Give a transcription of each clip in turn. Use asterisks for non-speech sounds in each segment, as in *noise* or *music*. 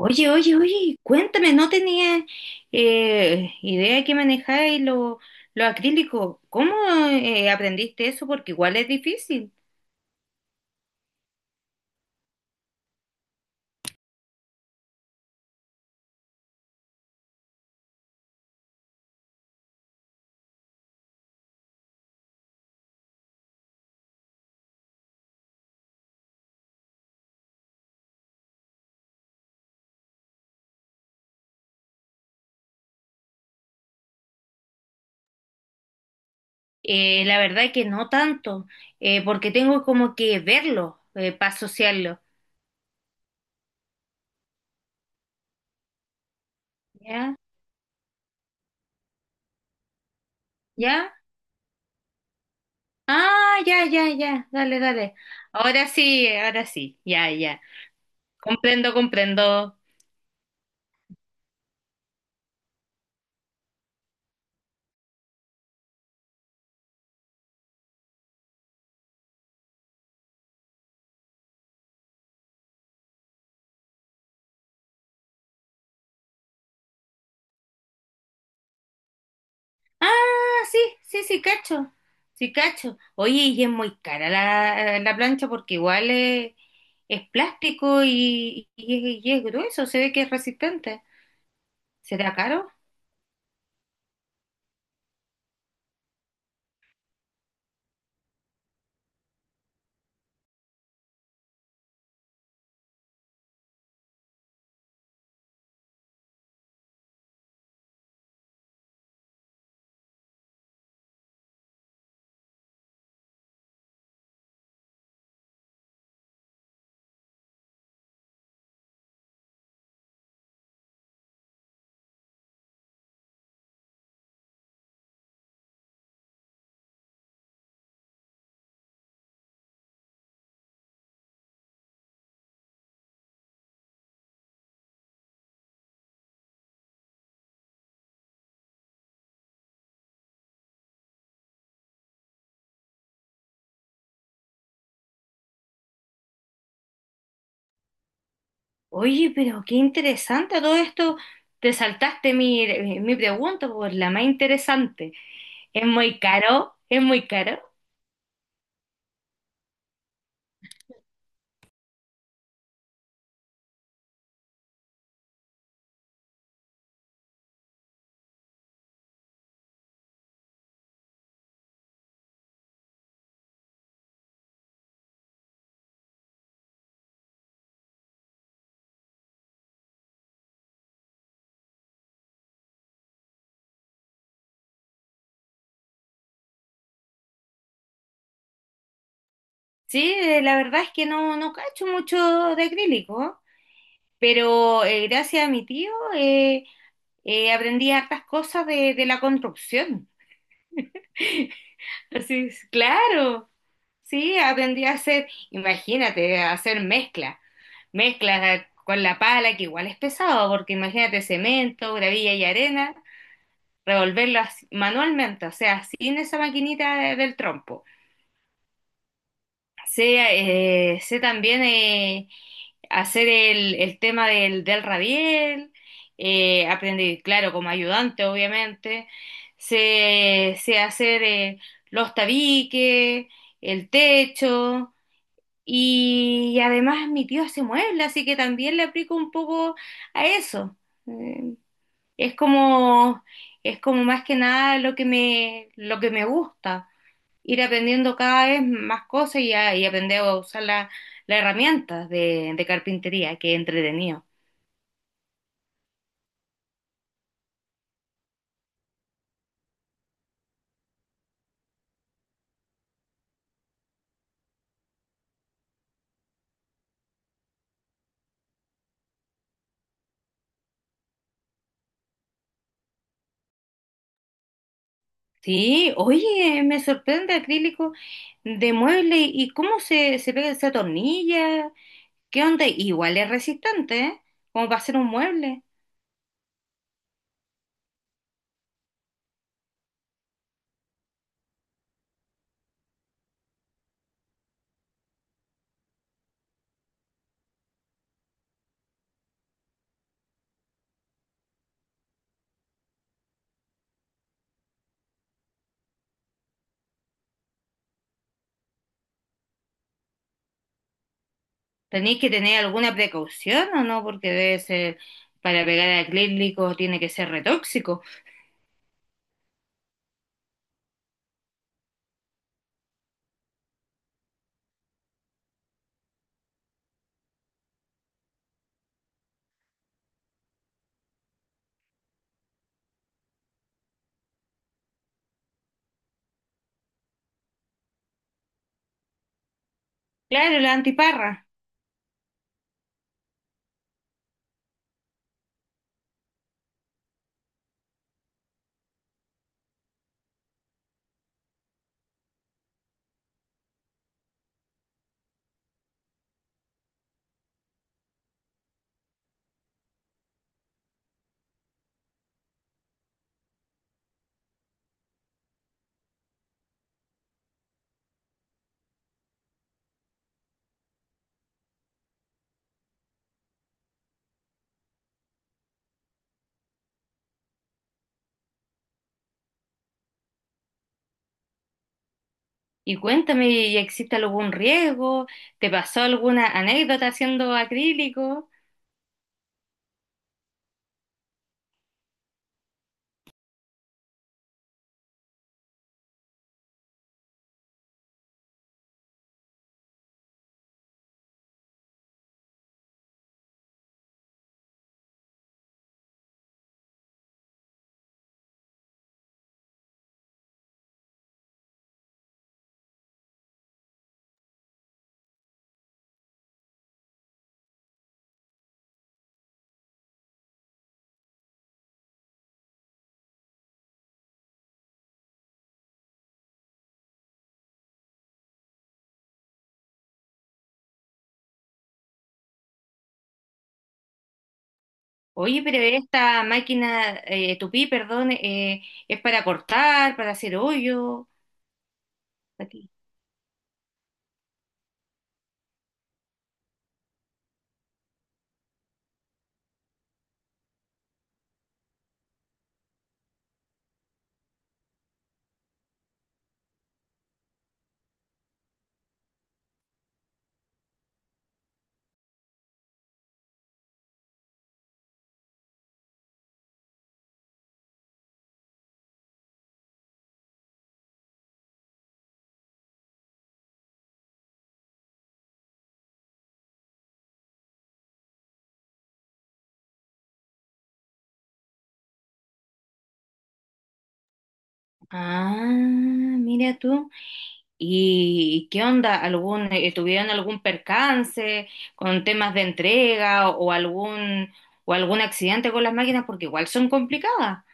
Oye, oye, oye, cuéntame, no tenía idea que manejáis lo acrílico. ¿Cómo aprendiste eso? Porque igual es difícil. La verdad que no tanto, porque tengo como que verlo para asociarlo. ¿Ya? ¿Ya? Ah, ya, ya, ya. Dale, dale. Ahora sí, ahora sí. Ya, ya. Comprendo, comprendo. Ah, sí, sí, sí, cacho. Sí, cacho. Oye, y es muy cara la plancha porque igual es plástico y es grueso, se ve que es resistente. ¿Será caro? Oye, pero qué interesante todo esto. Te saltaste mi pregunta, por la más interesante. Es muy caro, es muy caro. Sí, la verdad es que no cacho mucho de acrílico, ¿eh? Pero gracias a mi tío aprendí hartas cosas de la construcción. *laughs* Así es, claro. Sí, aprendí a hacer, imagínate, a hacer mezcla. Mezclas con la pala, que igual es pesado, porque imagínate cemento, gravilla y arena, revolverlas manualmente, o sea, sin esa maquinita del trompo. Sé también hacer el tema del rabiel, aprendí, claro, como ayudante, obviamente. Sé hacer los tabiques, el techo, y además mi tío hace muebles, así que también le aplico un poco a eso. Eh, es como, es como más que nada lo que lo que me gusta ir aprendiendo cada vez más cosas y aprender a usar las herramientas de carpintería, que es entretenido. Sí, oye, me sorprende acrílico de mueble y cómo se pega, se atornilla, qué onda, igual es resistente, ¿eh? Como para hacer un mueble. Tenéis que tener alguna precaución o no, porque debe ser, para pegar acrílico tiene que ser retóxico. Claro, la antiparra. Y cuéntame, ¿existe algún riesgo? ¿Te pasó alguna anécdota haciendo acrílico? Oye, pero esta máquina, tupí, perdón, es para cortar, para hacer hoyo. Aquí. Ah, mira tú. ¿Y qué onda? ¿Tuvieron algún percance con temas de entrega o algún accidente con las máquinas? Porque igual son complicadas.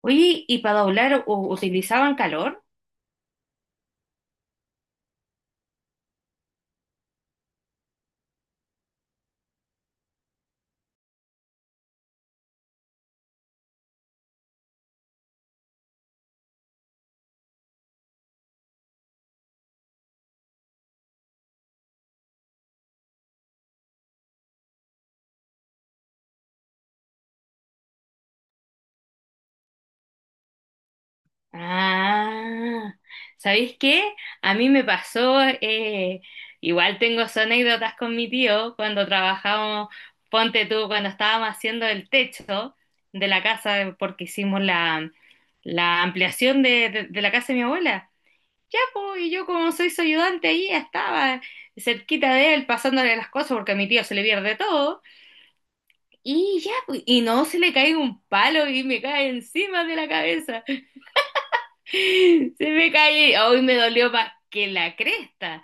Oye, ¿y para doblar utilizaban calor? Ah, ¿sabéis qué? A mí me pasó, igual tengo sus anécdotas con mi tío cuando trabajábamos, ponte tú, cuando estábamos haciendo el techo de la casa porque hicimos la ampliación de la casa de mi abuela. Ya, po. Y yo como soy su ayudante ahí estaba cerquita de él pasándole las cosas porque a mi tío se le pierde todo. Y ya, pues, y no se le cae un palo y me cae encima de la cabeza. *laughs* Se me cae, hoy me dolió más que la cresta.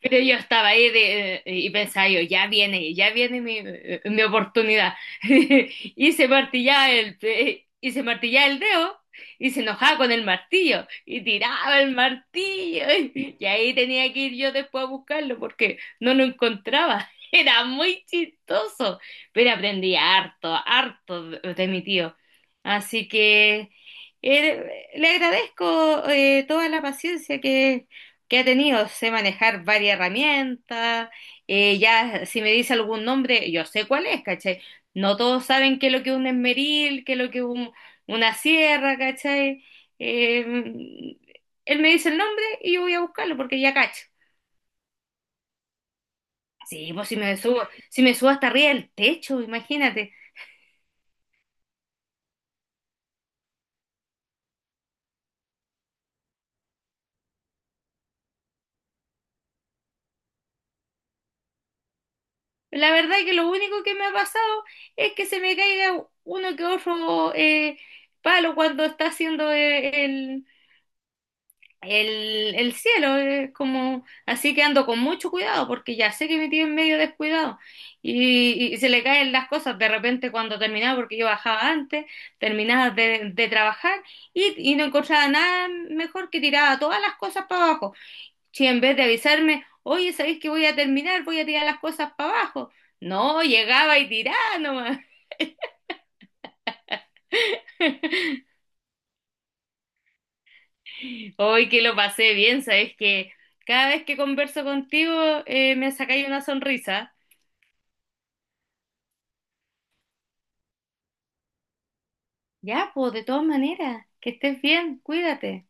Pero yo estaba ahí y pensaba yo, ya viene mi oportunidad. *laughs* Y se martillaba y se martillaba el dedo y se enojaba con el martillo y tiraba el martillo. *laughs* Y ahí tenía que ir yo después a buscarlo porque no lo encontraba. *laughs* Era muy chistoso, pero aprendí harto, harto de mi tío. Así que le agradezco toda la paciencia que ha tenido. Sé manejar varias herramientas, ya si me dice algún nombre, yo sé cuál es, ¿cachai? No todos saben qué es lo que es un esmeril, qué es lo que es una sierra, ¿cachai? Eh, Él me dice el nombre y yo voy a buscarlo porque ya cacho. Sí, pues si me subo hasta arriba del techo, imagínate. La verdad que lo único que me ha pasado es que se me caiga uno que otro palo cuando está haciendo el cielo, es como, así que ando con mucho cuidado porque ya sé que me tienen medio descuidado y se le caen las cosas de repente cuando terminaba, porque yo bajaba antes, terminaba de trabajar y no encontraba nada mejor que tiraba todas las cosas para abajo. Si en vez de avisarme, oye, ¿sabéis que voy a terminar? Voy a tirar las cosas para abajo. No, llegaba y tiraba nomás. *laughs* Hoy que lo pasé bien, ¿sabéis que cada vez que converso contigo me sacáis una sonrisa? Ya, pues, de todas maneras, que estés bien, cuídate.